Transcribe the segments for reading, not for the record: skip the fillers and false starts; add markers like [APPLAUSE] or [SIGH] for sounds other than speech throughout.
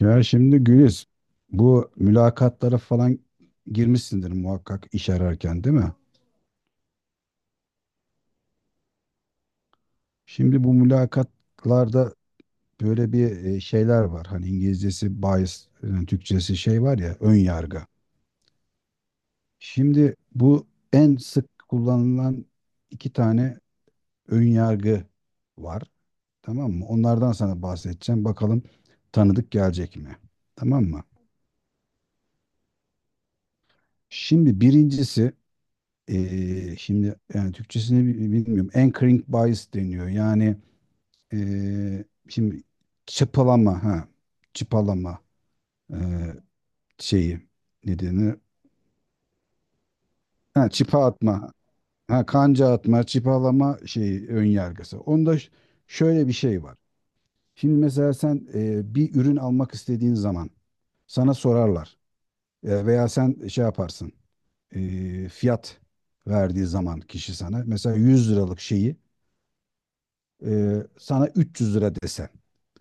Ya şimdi Güliz, bu mülakatlara falan girmişsindir muhakkak iş ararken, değil mi? Şimdi bu mülakatlarda böyle bir şeyler var. Hani İngilizcesi bias, yani Türkçesi şey var ya, ön yargı. Şimdi bu en sık kullanılan iki tane ön yargı var. Tamam mı? Onlardan sana bahsedeceğim. Bakalım tanıdık gelecek mi? Tamam mı? Şimdi birincisi. Şimdi yani Türkçesini bilmiyorum. Anchoring bias deniyor. Yani şimdi çıpalama, ha, çıpalama, ee, şeyi ne denir? Ha, çıpa atma. Ha, kanca atma, çıpalama şeyi ön yargısı. Onda şöyle bir şey var. Şimdi mesela sen bir ürün almak istediğin zaman sana sorarlar. Veya sen şey yaparsın. Fiyat verdiği zaman kişi sana mesela 100 liralık şeyi, sana 300 lira desem.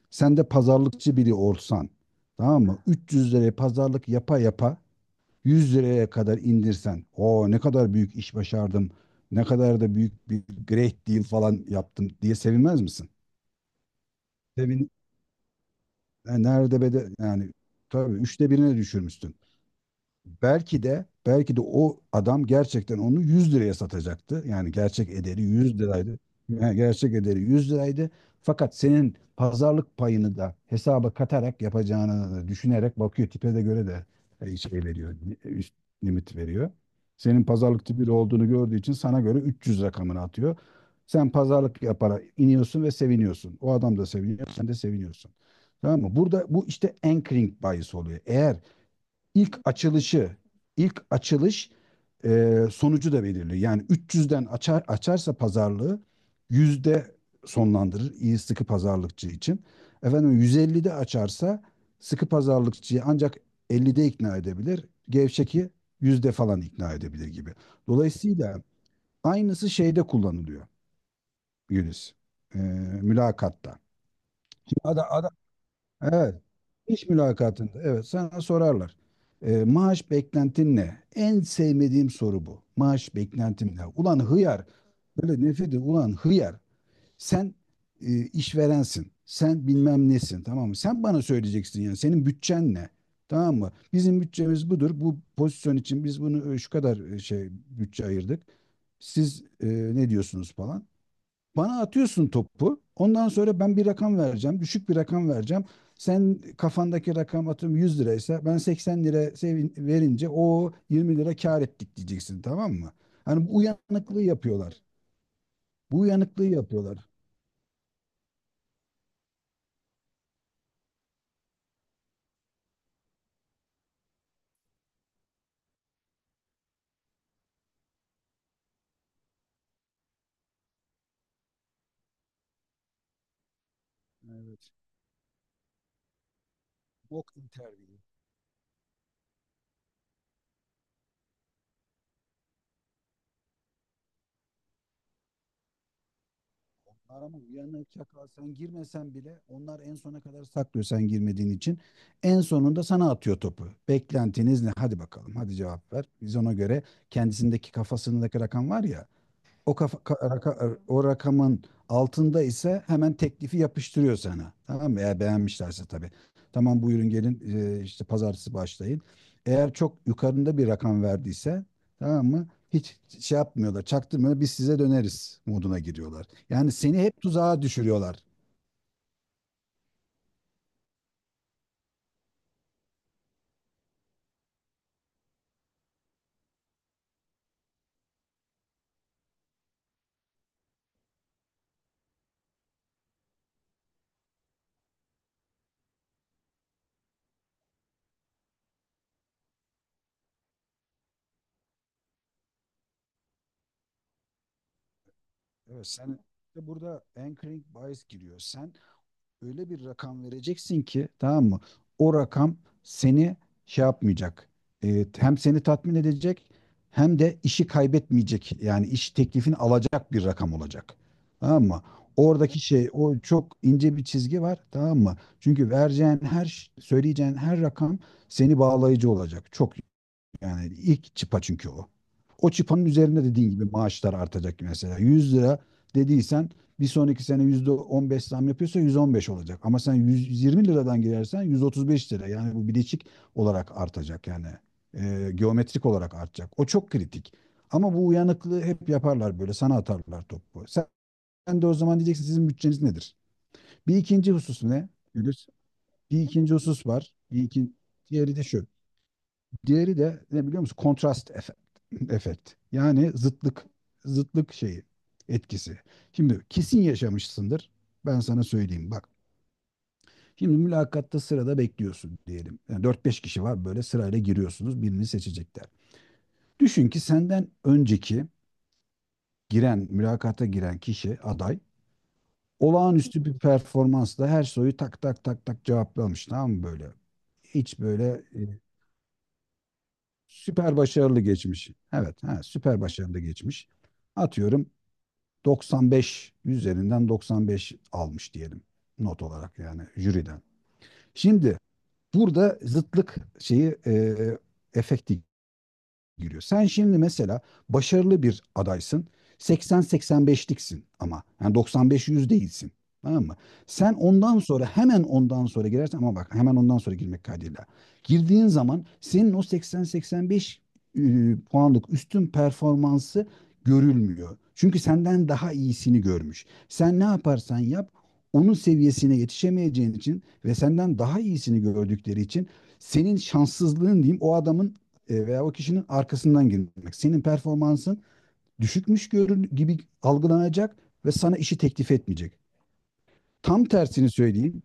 Sen de pazarlıkçı biri olsan. Tamam mı? 300 liraya pazarlık yapa yapa 100 liraya kadar indirsen, o ne kadar büyük iş başardım, ne kadar da büyük bir great deal falan yaptım diye sevinmez misin? Sevin, yani nerede bede yani, tabii üçte birine düşürmüşsün. Belki de o adam gerçekten onu 100 liraya satacaktı. Yani gerçek ederi 100 liraydı. Yani gerçek ederi 100 liraydı. Fakat senin pazarlık payını da hesaba katarak yapacağını düşünerek bakıyor, tipe de göre de şey veriyor. Üst limit veriyor. Senin pazarlık tipi de olduğunu gördüğü için sana göre 300 rakamını atıyor. Sen pazarlık yaparak iniyorsun ve seviniyorsun. O adam da seviniyor, sen de seviniyorsun. Tamam mı? Burada bu işte anchoring bayisi oluyor. Eğer ilk açılışı, ilk açılış sonucu da belirliyor. Yani 300'den açarsa pazarlığı yüzde sonlandırır iyi sıkı pazarlıkçı için. Efendim 150'de açarsa sıkı pazarlıkçıyı ancak 50'de ikna edebilir. Gevşeki yüzde falan ikna edebilir gibi. Dolayısıyla aynısı şeyde kullanılıyor Yunus. E, Mülakatta. Şimdi ada- Evet. İş mülakatında, evet, sana sorarlar. Maaş beklentin ne? En sevmediğim soru bu. Maaş beklentim ne? Ulan hıyar. Böyle nefret ediyorum. Ulan hıyar. Sen işverensin. Sen bilmem nesin. Tamam mı? Sen bana söyleyeceksin yani. Senin bütçen ne? Tamam mı? Bizim bütçemiz budur. Bu pozisyon için biz bunu şu kadar şey bütçe ayırdık. Siz ne diyorsunuz falan. Bana atıyorsun topu. Ondan sonra ben bir rakam vereceğim. Düşük bir rakam vereceğim. Sen kafandaki rakam atıyorum 100 liraysa, ben 80 lira sevin, verince o 20 lira kar ettik diyeceksin, tamam mı? Hani bu uyanıklığı yapıyorlar. Bu uyanıklığı yapıyorlar. Evet. Mock interview. Arama uyanık çakal, sen girmesen bile onlar en sona kadar saklıyor, sen girmediğin için. En sonunda sana atıyor topu. Beklentiniz ne? Hadi bakalım, hadi cevap ver. Biz ona göre kendisindeki kafasındaki rakam var ya, O kafa, ka- raka- er, o rakamın altında ise hemen teklifi yapıştırıyor sana. Tamam mı? Eğer beğenmişlerse tabii. Tamam, buyurun gelin, işte pazartesi başlayın. Eğer çok yukarında bir rakam verdiyse, tamam mı? Hiç şey yapmıyorlar, çaktırmıyorlar. Biz size döneriz moduna giriyorlar. Yani seni hep tuzağa düşürüyorlar. Evet, sen işte burada anchoring bias giriyor. Sen öyle bir rakam vereceksin ki, tamam mı? O rakam seni şey yapmayacak. Hem seni tatmin edecek hem de işi kaybetmeyecek. Yani iş teklifini alacak bir rakam olacak. Tamam mı? Oradaki şey, o çok ince bir çizgi var, tamam mı? Çünkü vereceğin her söyleyeceğin her rakam seni bağlayıcı olacak. Çok, yani ilk çıpa çünkü o. O çıpanın üzerinde dediğin gibi maaşlar artacak mesela. 100 lira dediysen bir sonraki sene %15 zam yapıyorsa 115 olacak. Ama sen 120 liradan girersen 135 lira. Yani bu bileşik olarak artacak yani. Geometrik olarak artacak. O çok kritik. Ama bu uyanıklığı hep yaparlar böyle. Sana atarlar topu. Sen de o zaman diyeceksin, sizin bütçeniz nedir? Bir ikinci husus ne? Gülüş? Bir ikinci husus var. Diğeri de şu. Diğeri de ne biliyor musun? Kontrast efekt. [LAUGHS] efekt. Yani zıtlık şeyi etkisi. Şimdi kesin yaşamışsındır. Ben sana söyleyeyim bak. Şimdi mülakatta sırada bekliyorsun diyelim. Yani 4-5 kişi var böyle, sırayla giriyorsunuz, birini seçecekler. Düşün ki senden önceki giren, mülakata giren kişi aday olağanüstü bir performansla her soruyu tak tak tak tak cevaplamış, tamam mı böyle? Hiç böyle e, Süper başarılı geçmiş. Evet, ha, süper başarılı geçmiş. Atıyorum 95 üzerinden 95 almış diyelim, not olarak yani jüriden. Şimdi burada zıtlık şeyi, efekti giriyor. Sen şimdi mesela başarılı bir adaysın. 80-85'liksin ama. Yani 95 yüz değilsin. Tamam mı? Sen ondan sonra, hemen ondan sonra girersen, ama bak, hemen ondan sonra girmek kaydıyla. Girdiğin zaman senin o 80-85 puanlık üstün performansı görülmüyor. Çünkü senden daha iyisini görmüş. Sen ne yaparsan yap onun seviyesine yetişemeyeceğin için ve senden daha iyisini gördükleri için senin şanssızlığın diyeyim, o adamın, veya o kişinin arkasından girmek. Senin performansın düşükmüş görün gibi algılanacak ve sana işi teklif etmeyecek. Tam tersini söyleyeyim.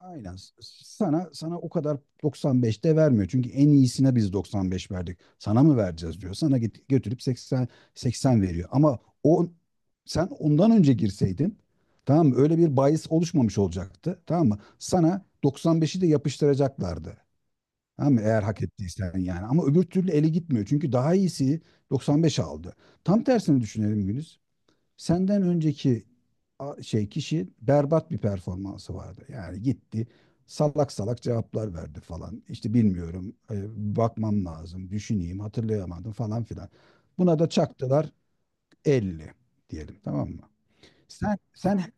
Aynen. Sana o kadar 95'te vermiyor. Çünkü en iyisine biz 95 verdik. Sana mı vereceğiz diyor. Sana götürüp 80 veriyor. Ama o, sen ondan önce girseydin, tamam mı? Öyle bir bias oluşmamış olacaktı. Tamam mı? Sana 95'i de yapıştıracaklardı. Tamam mı? Eğer hak ettiysen yani. Ama öbür türlü ele gitmiyor. Çünkü daha iyisi 95 aldı. Tam tersini düşünelim Güliz. Senden önceki şey kişi berbat bir performansı vardı. Yani gitti salak salak cevaplar verdi falan. İşte bilmiyorum, bakmam lazım, düşüneyim, hatırlayamadım, falan filan. Buna da çaktılar 50 diyelim, tamam mı? Sen sen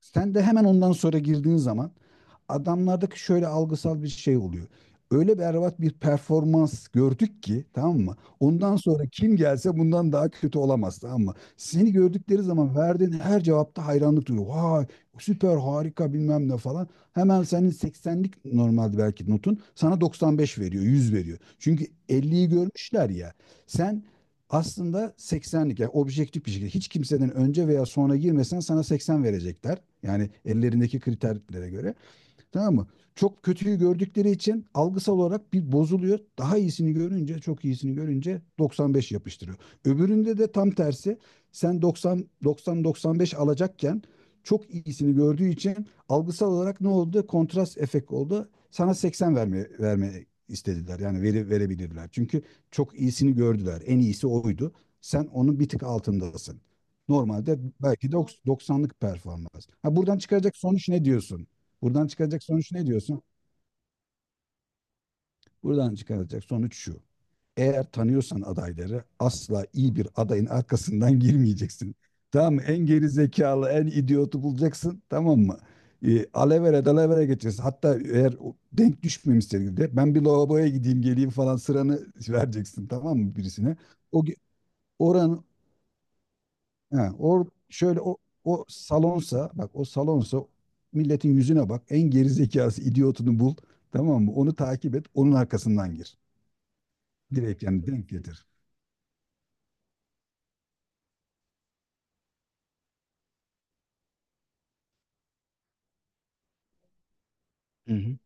sen de hemen ondan sonra girdiğin zaman adamlardaki şöyle algısal bir şey oluyor. Öyle berbat bir performans gördük ki, tamam mı? Ondan sonra kim gelse bundan daha kötü olamaz, tamam mı? Seni gördükleri zaman verdiğin her cevapta hayranlık duyuyor. Vay, süper, harika, bilmem ne falan. Hemen senin 80'lik normalde belki notun, sana 95 veriyor, 100 veriyor. Çünkü 50'yi görmüşler ya. Sen aslında 80'lik, yani objektif bir şekilde hiç kimseden önce veya sonra girmesen, sana 80 verecekler. Yani ellerindeki kriterlere göre. Tamam mı? Çok kötüyü gördükleri için algısal olarak bir bozuluyor. Daha iyisini görünce, çok iyisini görünce 95 yapıştırıyor. Öbüründe de tam tersi. Sen 90 95 alacakken çok iyisini gördüğü için algısal olarak ne oldu? Kontrast efekt oldu. Sana 80 verme istediler. Yani veri verebilirler. Çünkü çok iyisini gördüler. En iyisi oydu. Sen onun bir tık altındasın. Normalde belki de 90'lık performans. Ha, buradan çıkaracak sonuç ne diyorsun? Buradan çıkacak sonuç ne diyorsun? Buradan çıkacak sonuç şu. Eğer tanıyorsan adayları, asla iyi bir adayın arkasından girmeyeceksin. Tamam mı? En geri zekalı, en idiotu bulacaksın. Tamam mı? Alevere dalavere geçeceksin. Hatta eğer o denk düşmemişse de ben bir lavaboya gideyim geleyim falan, sıranı vereceksin. Tamam mı birisine? O, ge- oranın He, or şöyle o salonsa milletin yüzüne bak. En gerizekası idiotunu bul. Tamam mı? Onu takip et. Onun arkasından gir. Direkt yani denk getir. Hı hı.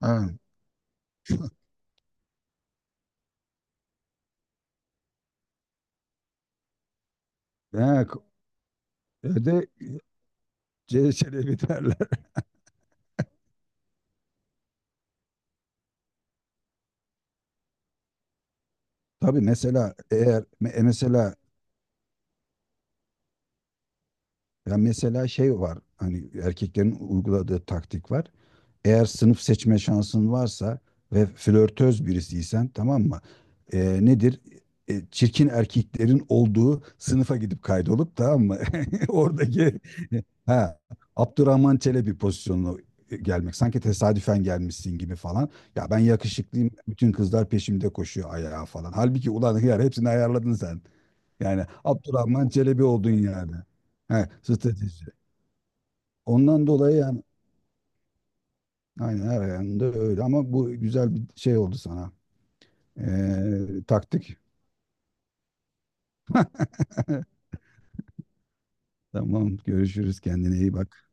Ha. Ha, öde CS'de biterler. [LAUGHS] Tabii mesela eğer mesela. Ya mesela şey var, hani erkeklerin uyguladığı taktik var. Eğer sınıf seçme şansın varsa ve flörtöz birisiysen, tamam mı? Nedir? Çirkin erkeklerin olduğu sınıfa gidip kaydolup, tamam mı? [LAUGHS] Oradaki, ha, Abdurrahman Çelebi pozisyonuna gelmek. Sanki tesadüfen gelmişsin gibi falan. Ya, ben yakışıklıyım. Bütün kızlar peşimde koşuyor ayağa falan. Halbuki ulan hıyar hepsini ayarladın sen. Yani Abdurrahman Çelebi oldun yani. He, strateji. Ondan dolayı yani aynen her yanında öyle, ama bu güzel bir şey oldu sana. Taktik. [LAUGHS] Tamam görüşürüz, kendine iyi bak.